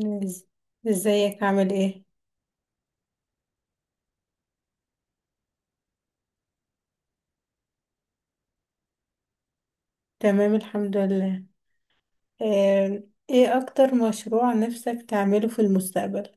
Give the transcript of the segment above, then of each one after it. إز- ازيك عامل ايه؟ تمام الحمد لله. آه، ايه اكتر مشروع نفسك تعمله في المستقبل؟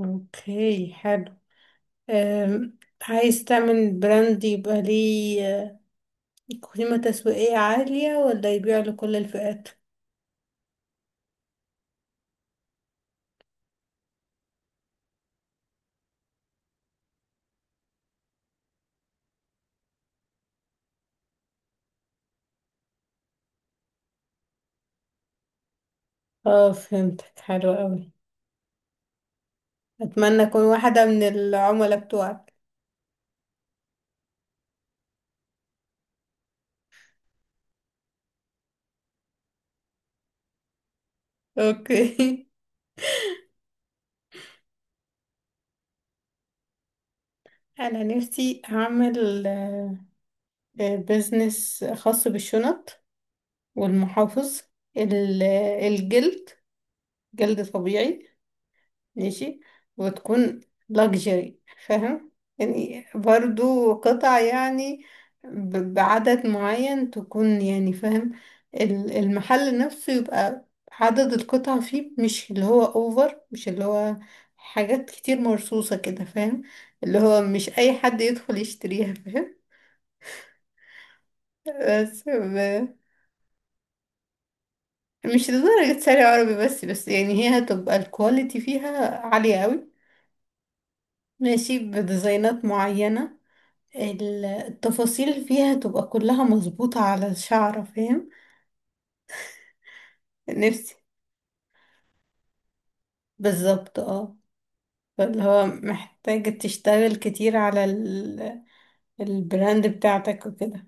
اوكي حلو. عايز تعمل براند يبقى ليه قيمة تسويقية عالية ولا يبيع لكل الفئات؟ اه فهمتك حلو قوي، اتمنى اكون واحدة من العملاء بتوعك. اوكي. انا نفسي اعمل بزنس خاص بالشنط والمحافظ. ال- الجلد، جلد طبيعي، ماشي، وتكون لاكجري، فاهم يعني؟ برضو قطع يعني بعدد معين تكون، يعني فاهم؟ المحل نفسه يبقى عدد القطع فيه مش اللي هو اوفر، مش اللي هو حاجات كتير مرصوصة كده، فاهم؟ اللي هو مش اي حد يدخل يشتريها، فاهم؟ بس مش لدرجة شارع عربي بس، بس يعني هي هتبقى الكواليتي فيها عالية قوي. ماشي بديزاينات معينة، التفاصيل فيها تبقى كلها مظبوطة على الشعر، فاهم؟ نفسي بالظبط، اه. فاللي هو محتاج تشتغل كتير على ال... البراند بتاعتك وكده.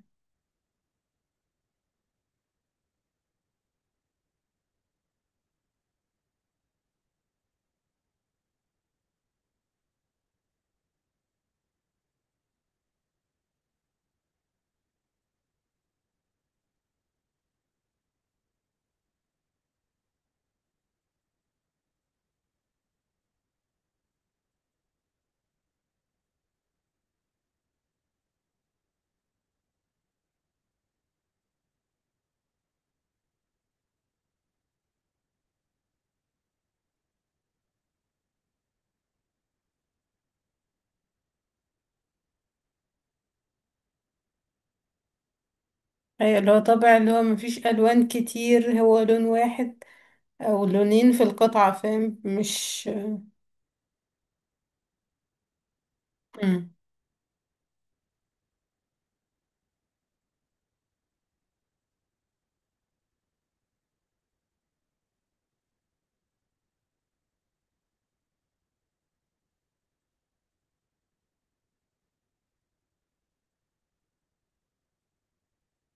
ايوه اللي هو طبع، اللي هو مفيش ألوان كتير، هو لون واحد أو لونين في القطعة، فاهم مش؟ مم.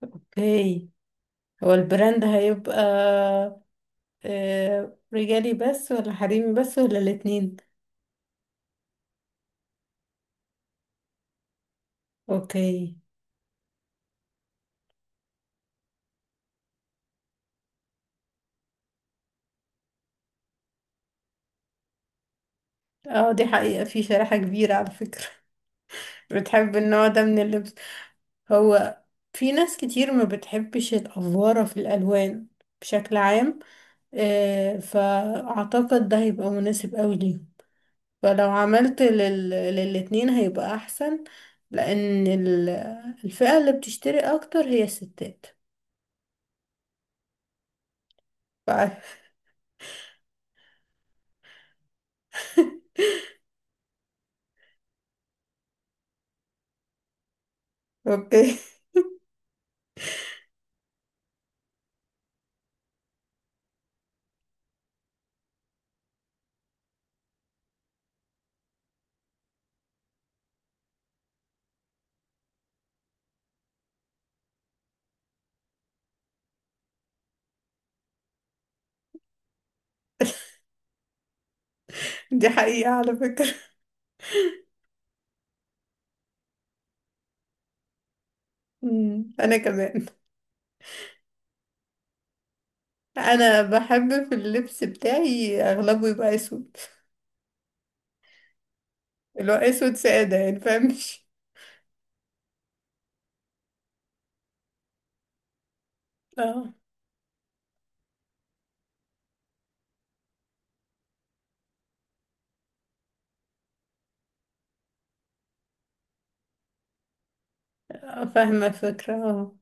اوكي، هو البراند هيبقى رجالي بس ولا حريمي بس ولا الاتنين؟ اوكي. اه دي حقيقة، في شريحة كبيرة على فكرة. بتحب النوع ده من اللبس؟ هو في ناس كتير ما بتحبش الأفوارة في الألوان بشكل عام، فأعتقد ده هيبقى مناسب قوي ليه. فلو عملت لل... للاتنين هيبقى أحسن، لأن الفئة اللي بتشتري أكتر هي الستات. ف- اوكي. دي حقيقة على فكرة. مم. أنا كمان انا بحب في اللبس بتاعي اغلبه يبقى اسود، اللي هو اسود ساده يعني، فاهم مش؟ اه. فاهمه الفكره، اه.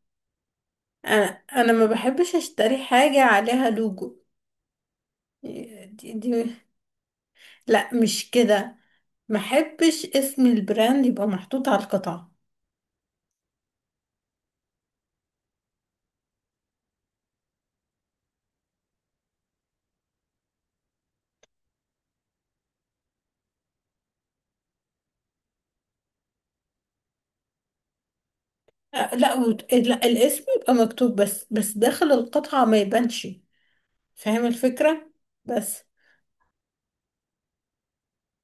انا، انا ما بحبش اشتري حاجه عليها لوجو. دي. لا مش كده، ما بحبش اسم البراند يبقى محطوط على القطعه. لا الاسم يبقى مكتوب بس، بس داخل القطعه ما يبانش، فاهم الفكره؟ بس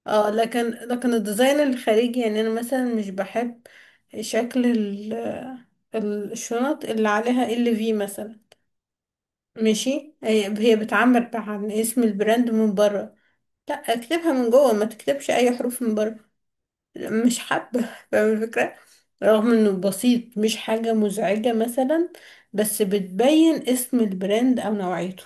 اه، لكن الديزاين الخارجي يعني، انا مثلا مش بحب شكل ال، الشنط اللي عليها ال في مثلا. ماشي، هي بتعبر عن اسم البراند من بره. لا اكتبها من جوه، ما تكتبش اي حروف من بره. مش حابه. فاهم الفكره؟ رغم انه بسيط، مش حاجه مزعجه مثلا، بس بتبين اسم البراند او نوعيته.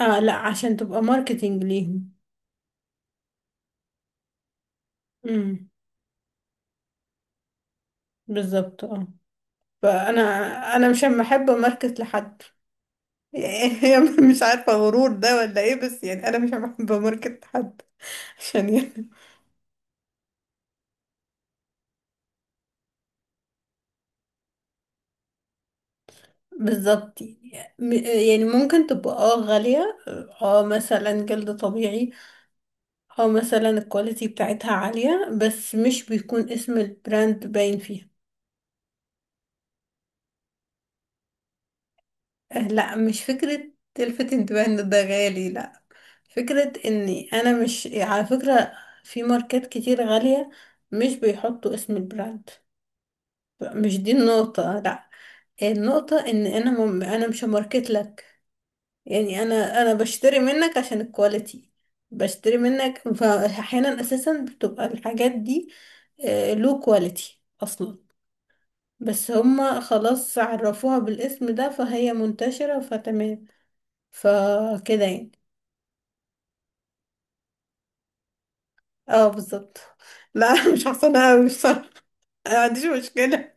اه، لا عشان تبقى ماركتينج ليهم. امم، بالظبط اه. فانا، انا مش محبه ماركت لحد. يعني مش عارفه غرور ده ولا ايه، بس يعني انا مش محبه ماركت لحد عشان يعني، بالظبط. يعني ممكن تبقى اه غاليه، اه مثلا جلد طبيعي، اه مثلا الكواليتي بتاعتها عاليه، بس مش بيكون اسم البراند باين فيها. لا مش فكره تلفت انتباه ان ده غالي، لا. فكره اني انا مش، على فكره في ماركات كتير غاليه مش بيحطوا اسم البراند، مش دي النقطة لا. النقطة ان انا مم... انا مش ماركت لك، يعني انا بشتري منك عشان الكواليتي، بشتري منك، فاحيانا اساسا بتبقى الحاجات دي، لو كواليتي اصلا، بس هما خلاص عرفوها بالاسم ده فهي منتشرة فتمام. فكده يعني، اه بالظبط. لا مش حاسة انا أوي بصراحة، ما عنديش مشكلة.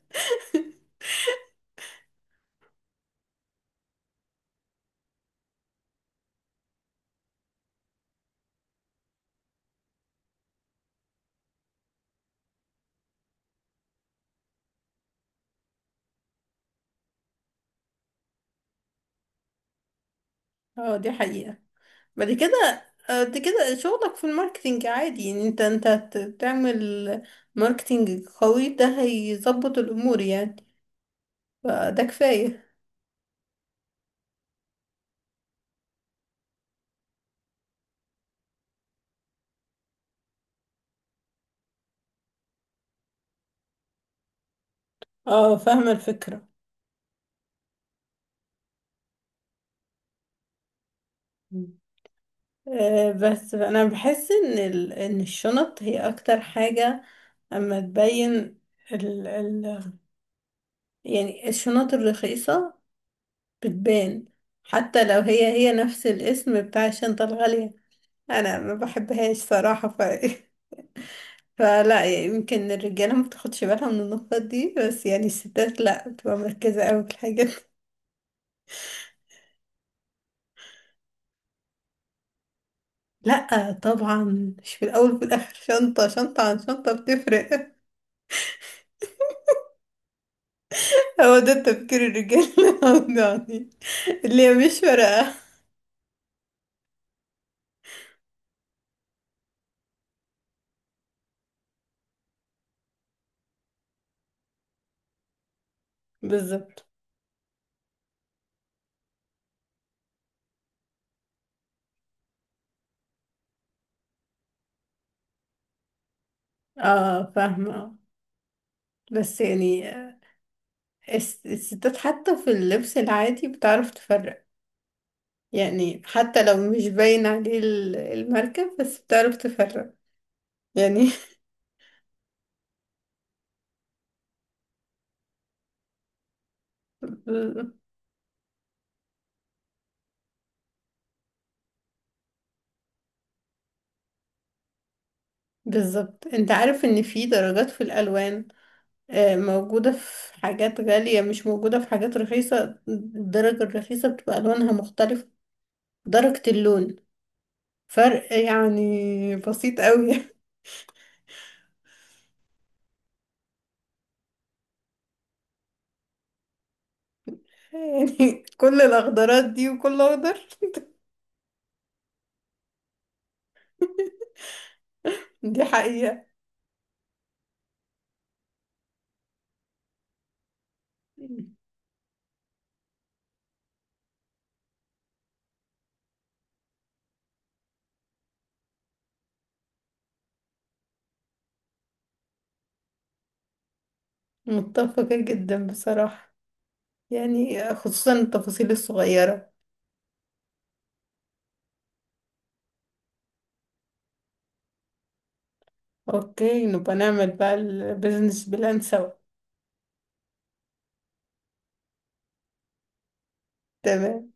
اه دي حقيقة. بعد كده، بعد كده شغلك في الماركتينج عادي، يعني انت، انت تعمل ماركتينج قوي ده هيظبط الامور يعني، فده كفاية. اه فاهمة الفكرة. مم. بس انا بحس ان ال... ان الشنط هي اكتر حاجة اما تبين ال... ال... يعني الشنط الرخيصة بتبان حتى لو هي نفس الاسم بتاع الشنطة الغالية، انا ما بحبهاش صراحة ف فلا يعني، يمكن الرجالة ما بتاخدش بالها من النقط دي، بس يعني الستات لا بتبقى مركزة قوي في الحاجات دي. لا طبعا، مش في الأول وفي الآخر شنطة، شنطة عن شنطة بتفرق. هو ده تفكير الرجالة، يعني اللي هي مش فارقة. بالظبط، اه فاهمة، بس يعني الستات حتى في اللبس العادي بتعرف تفرق، يعني حتى لو مش باين عليه الماركة، بس بتعرف تفرق يعني. بالظبط، انت عارف ان في درجات في الالوان، موجودة في حاجات غالية مش موجودة في حاجات رخيصة، الدرجة الرخيصة بتبقى الوانها مختلفة، درجة اللون فرق يعني بسيط قوي. يعني كل الاخضرات دي وكل اخضر. دي حقيقة. متفقة جدا بصراحة، يعني خصوصا التفاصيل الصغيرة. اوكي نبقى نعمل بقى البيزنس بلان سوا. تمام.